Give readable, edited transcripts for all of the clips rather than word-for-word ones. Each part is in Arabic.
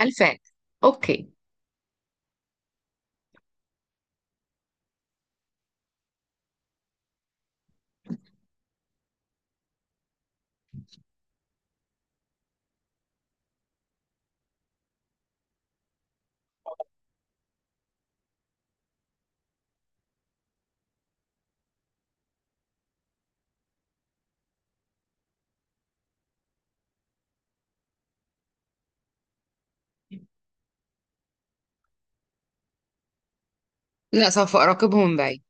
2000. أوكي. لا، سوف أراقبهم من بعيد.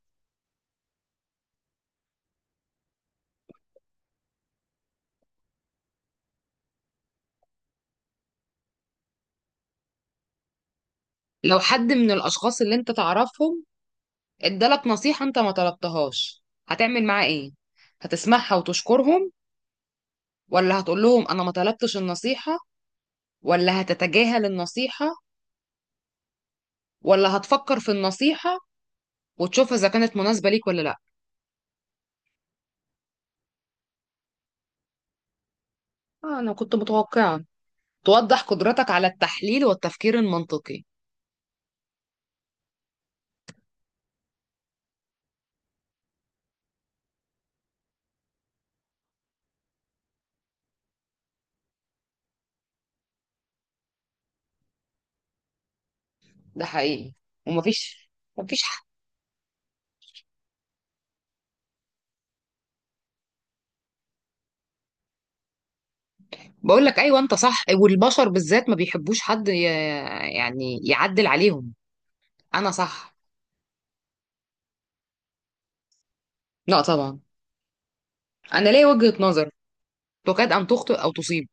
لو حد من الأشخاص اللي أنت تعرفهم ادالك نصيحة أنت ما طلبتهاش هتعمل معاه إيه؟ هتسمعها وتشكرهم، ولا هتقول لهم أنا ما طلبتش النصيحة، ولا هتتجاهل النصيحة، ولا هتفكر في النصيحة وتشوف إذا كانت مناسبة ليك ولا لأ؟ آه، أنا كنت متوقعة. توضح قدرتك على التحليل والتفكير المنطقي. ده حقيقي. ومفيش مفيش. بقول لك ايوه انت صح، والبشر بالذات ما بيحبوش حد يعني يعدل عليهم. انا صح. لا طبعا. انا ليا وجهة نظر تكاد ان تخطئ او تصيب.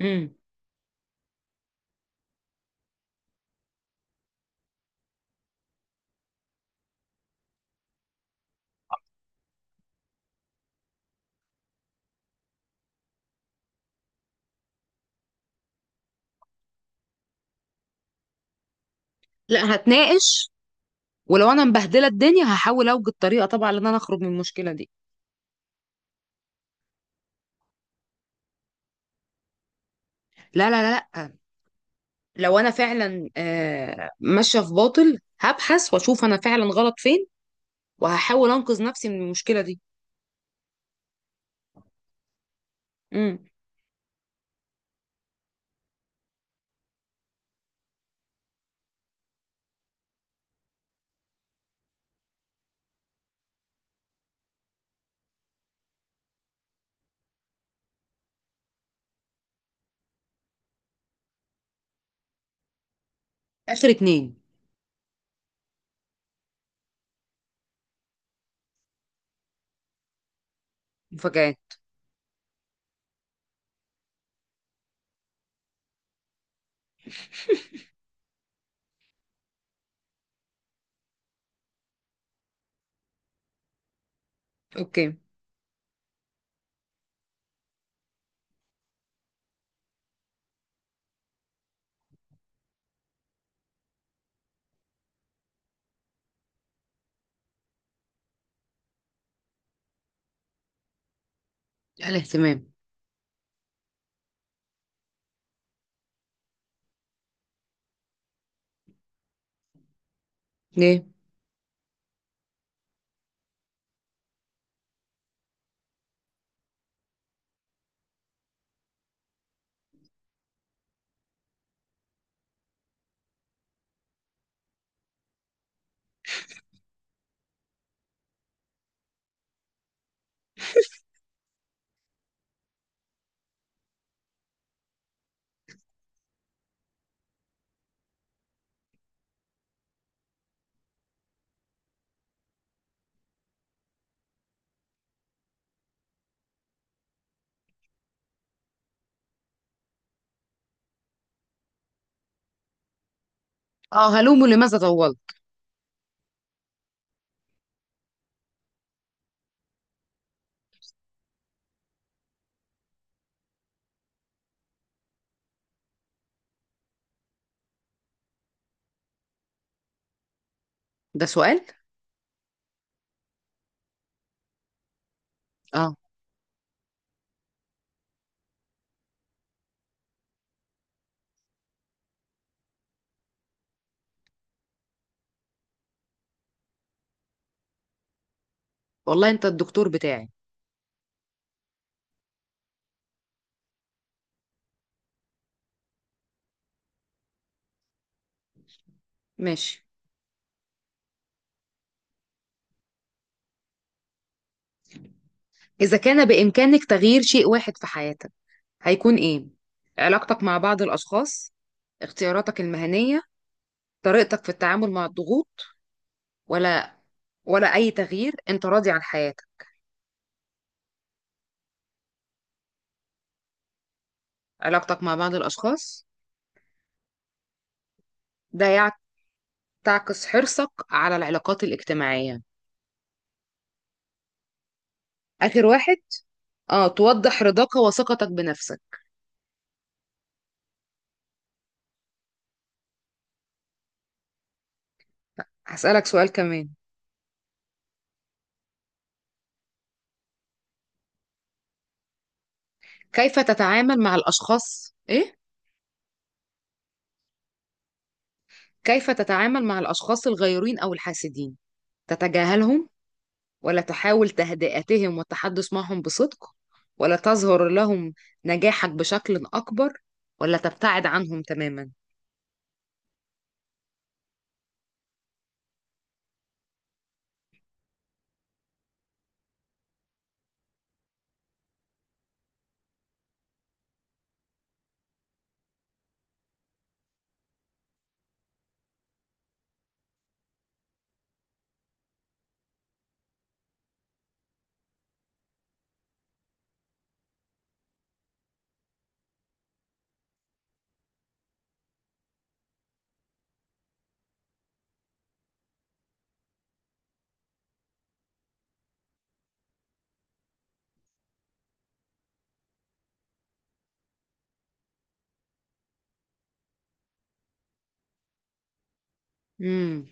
امم لا، هتناقش. ولو انا مبهدله الدنيا هحاول اوجد طريقه طبعا ان انا اخرج من المشكله دي. لا لا لا لا. لو انا فعلا ماشيه في باطل، هبحث واشوف انا فعلا غلط فين، وهحاول انقذ نفسي من المشكله دي. امم اخر اتنين. مفاجآت. اوكي. الاهتمام. ليه؟ اه، هلومه لماذا طولت. ده سؤال. اه، والله انت الدكتور بتاعي. ماشي. اذا كان بامكانك تغيير شيء واحد في حياتك هيكون ايه؟ علاقتك مع بعض الاشخاص، اختياراتك المهنية، طريقتك في التعامل مع الضغوط، ولا ولا اي تغيير، انت راضي عن حياتك؟ علاقتك مع بعض الاشخاص. ده يع- تعكس حرصك على العلاقات الاجتماعية. اخر واحد. اه، توضح رضاك وثقتك بنفسك. هسألك سؤال كمان. كيف تتعامل مع الاشخاص ايه كيف تتعامل مع الأشخاص الغيورين أو الحاسدين؟ تتجاهلهم، ولا تحاول تهدئتهم والتحدث معهم بصدق، ولا تظهر لهم نجاحك بشكل أكبر، ولا تبتعد عنهم تماما؟ مم.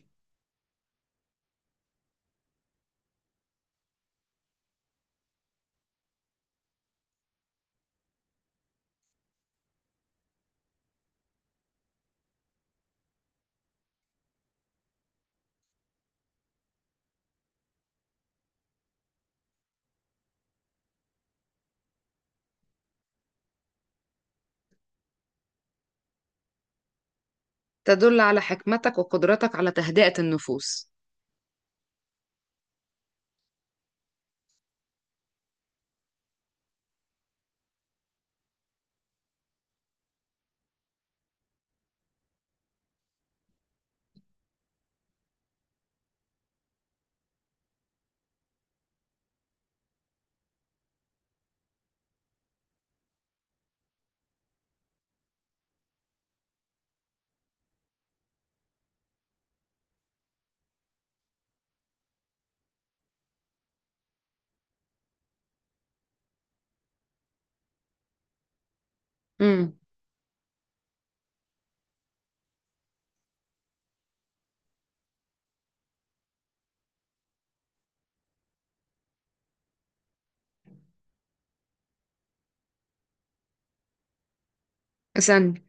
تدل على حكمتك وقدرتك على تهدئة النفوس. امم استني.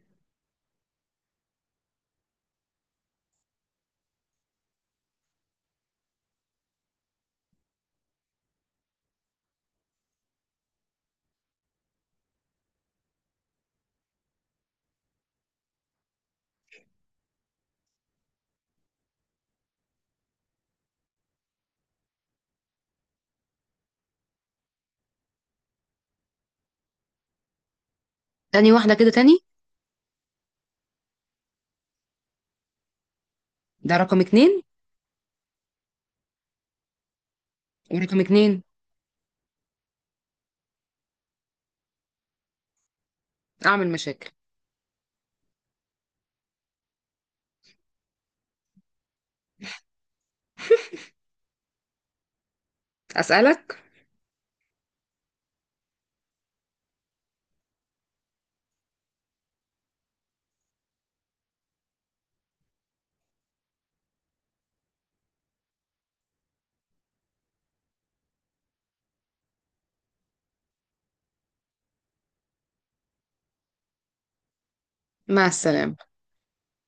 تاني واحدة كده تاني. ده رقم اتنين، ورقم اتنين أعمل مشاكل. أسألك. مع السلامة.